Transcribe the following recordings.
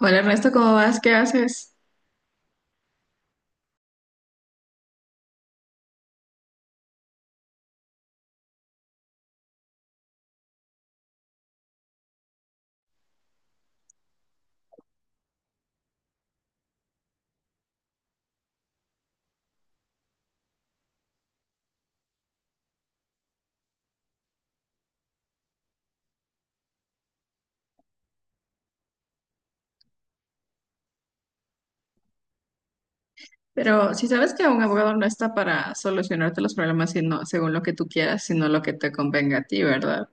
Hola Ernesto, ¿cómo vas? ¿Qué haces? Pero si sabes que un abogado no está para solucionarte los problemas sino, según lo que tú quieras, sino lo que te convenga a ti, ¿verdad?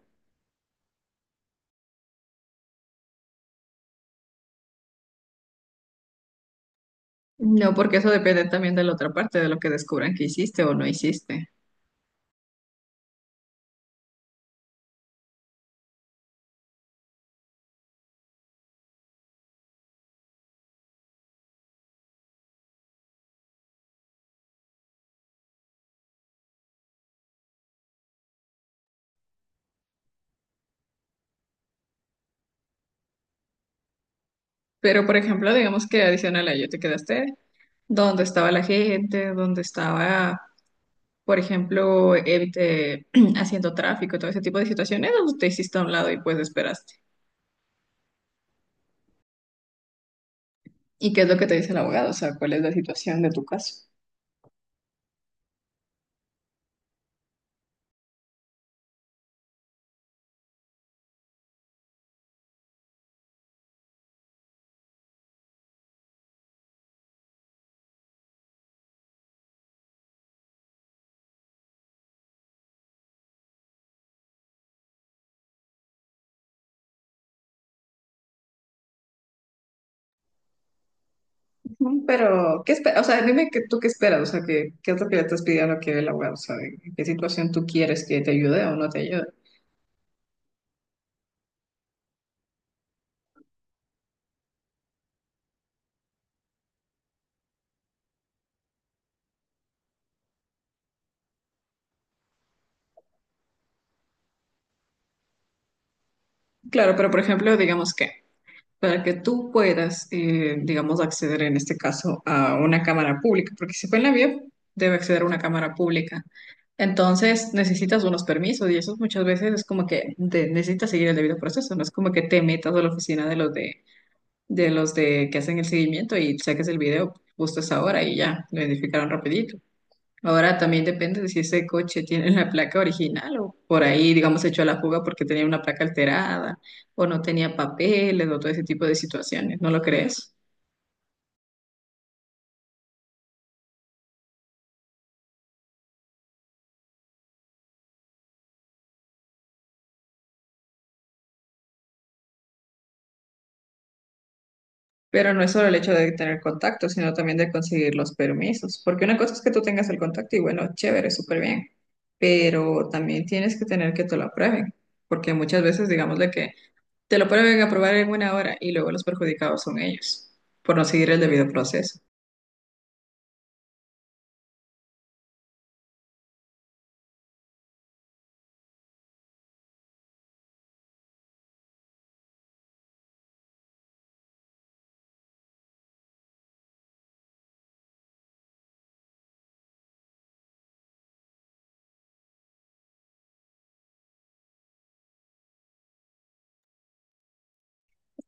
No, porque eso depende también de la otra parte, de lo que descubran que hiciste o no hiciste. Pero, por ejemplo, digamos que adicional a ello te quedaste dónde estaba la gente, dónde estaba, por ejemplo, haciendo tráfico y todo ese tipo de situaciones, o te hiciste a un lado y pues esperaste. ¿Y qué es lo que te dice el abogado? O sea, ¿cuál es la situación de tu caso? Mm, pero, ¿qué esperas? O sea, dime que, tú qué esperas, o sea, ¿qué, qué es lo que le estás pidiendo a que el abogado, o sea, ¿en qué situación tú quieres que te ayude o no te ayude? Claro, pero por ejemplo, digamos que para que tú puedas, digamos, acceder en este caso a una cámara pública, porque si fue en la vía, debe acceder a una cámara pública. Entonces necesitas unos permisos y eso muchas veces es como que necesitas seguir el debido proceso, no es como que te metas a la oficina de los de que hacen el seguimiento y saques el video justo a esa hora y ya, lo identificaron rapidito. Ahora también depende de si ese coche tiene la placa original o por ahí, digamos, se echó a la fuga porque tenía una placa alterada o no tenía papeles o todo ese tipo de situaciones, ¿no lo crees? Pero no es solo el hecho de tener contacto, sino también de conseguir los permisos, porque una cosa es que tú tengas el contacto y bueno, chévere, súper bien, pero también tienes que tener que te lo aprueben, porque muchas veces, digamos, de que te lo pueden aprobar en una hora y luego los perjudicados son ellos por no seguir el debido proceso.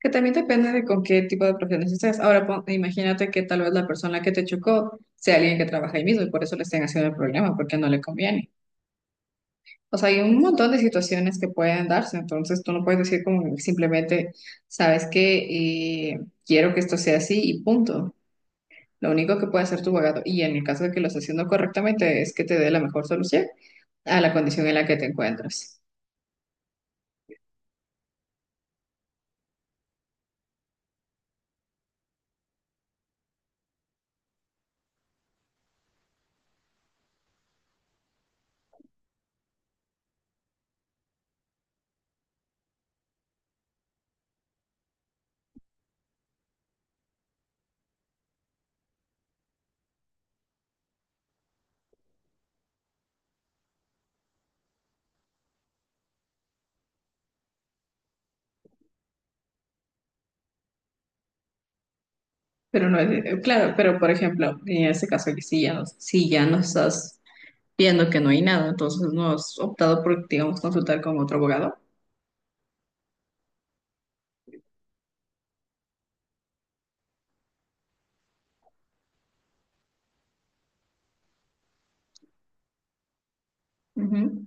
Que también depende de con qué tipo de profesiones estés. Ahora, imagínate que tal vez la persona que te chocó sea alguien que trabaja ahí mismo y por eso le estén haciendo el problema, porque no le conviene. O sea, hay un montón de situaciones que pueden darse, entonces tú no puedes decir como simplemente, sabes que quiero que esto sea así y punto. Lo único que puede hacer tu abogado, y en el caso de que lo esté haciendo correctamente, es que te dé la mejor solución a la condición en la que te encuentras. Pero no es, claro, pero por ejemplo, en este caso, que si ya no estás viendo que no hay nada, entonces no has optado por, digamos, consultar con otro abogado. Ujú.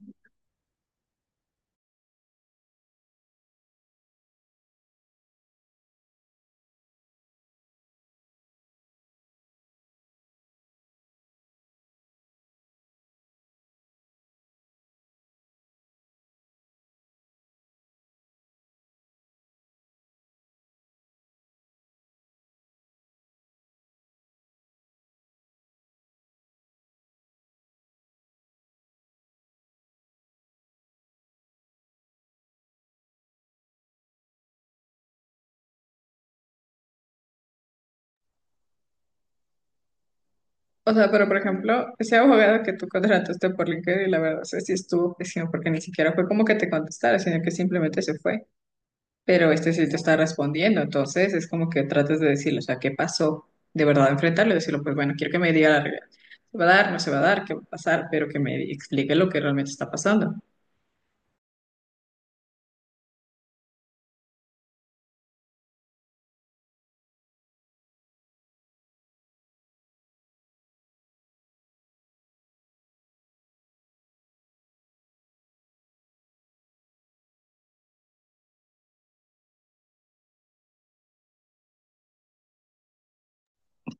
O sea, pero por ejemplo, ese abogado que tú contrataste por LinkedIn, la verdad, no sé si estuvo pésimo porque ni siquiera fue como que te contestara, sino que simplemente se fue. Pero este sí te está respondiendo, entonces es como que tratas de decirle, o sea, ¿qué pasó? De verdad, enfrentarlo y decirle, pues bueno, quiero que me diga la realidad. ¿Se va a dar? ¿No se va a dar? ¿Qué va a pasar? Pero que me explique lo que realmente está pasando.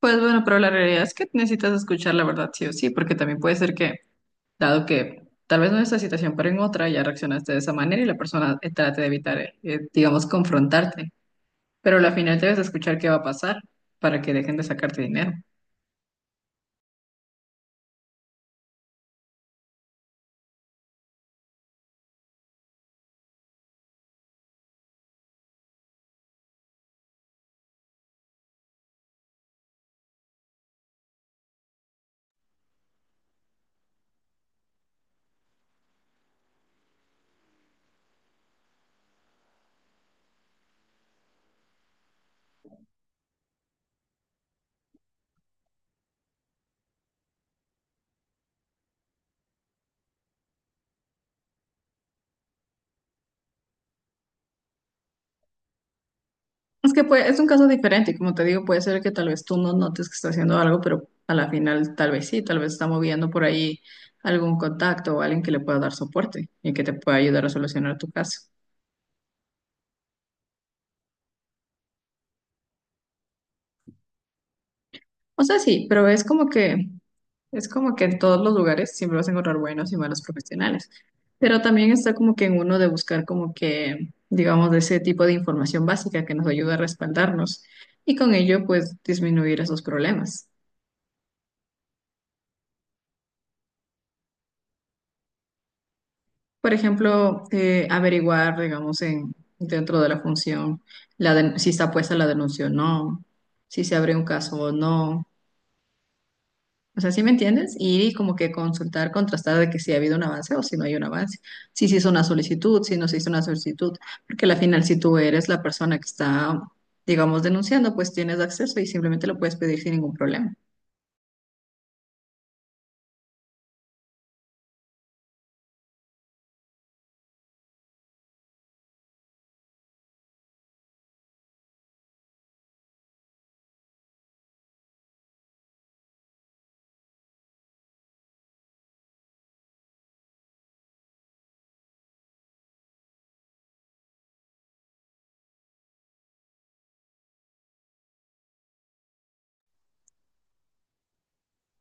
Pues bueno, pero la realidad es que necesitas escuchar la verdad sí o sí, porque también puede ser que dado que tal vez no en esta situación, pero en otra ya reaccionaste de esa manera y la persona trate de evitar, digamos, confrontarte. Pero al final debes escuchar qué va a pasar para que dejen de sacarte dinero. Es un caso diferente y como te digo, puede ser que tal vez tú no notes que está haciendo algo, pero a la final tal vez sí, tal vez está moviendo por ahí algún contacto o alguien que le pueda dar soporte y que te pueda ayudar a solucionar tu caso. O sea, sí, pero es como que es como que en todos los lugares siempre vas a encontrar buenos y malos profesionales, pero también está como que en uno de buscar como que, digamos, de ese tipo de información básica que nos ayuda a respaldarnos y con ello pues disminuir esos problemas. Por ejemplo, averiguar, digamos, en, dentro de la función si está puesta la denuncia o no, si se abre un caso o no. O sea, ¿sí me entiendes? Y como que consultar, contrastar de que si ha habido un avance o si no hay un avance, si se hizo una solicitud, si no se hizo una solicitud, porque al final si tú eres la persona que está, digamos, denunciando, pues tienes acceso y simplemente lo puedes pedir sin ningún problema.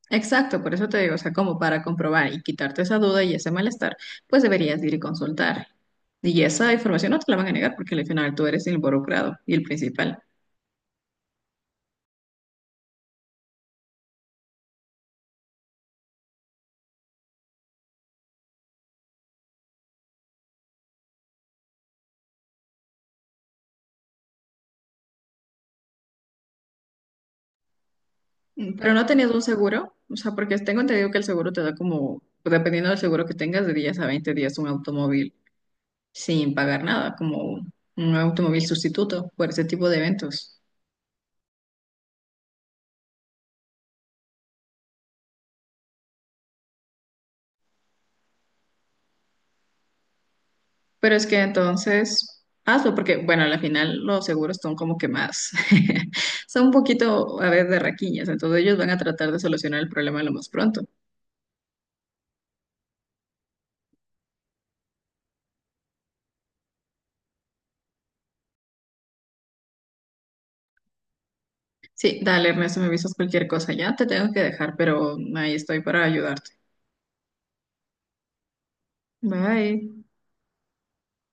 Exacto, por eso te digo, o sea, como para comprobar y quitarte esa duda y ese malestar, pues deberías de ir y consultar. Y esa información no te la van a negar porque al final tú eres el involucrado y el principal. Mm, pero no tenías un seguro, o sea, porque tengo entendido que el seguro te da como, dependiendo del seguro que tengas, de 10 a 20 días un automóvil sin pagar nada, como un automóvil sustituto por ese tipo de eventos. Pero es que entonces, hazlo, porque bueno, al final los seguros son como que más, son un poquito a veces de raquiñas, entonces ellos van a tratar de solucionar el problema lo más pronto. Sí, dale, Ernesto, me avisas cualquier cosa ya, te tengo que dejar, pero ahí estoy para ayudarte. Bye.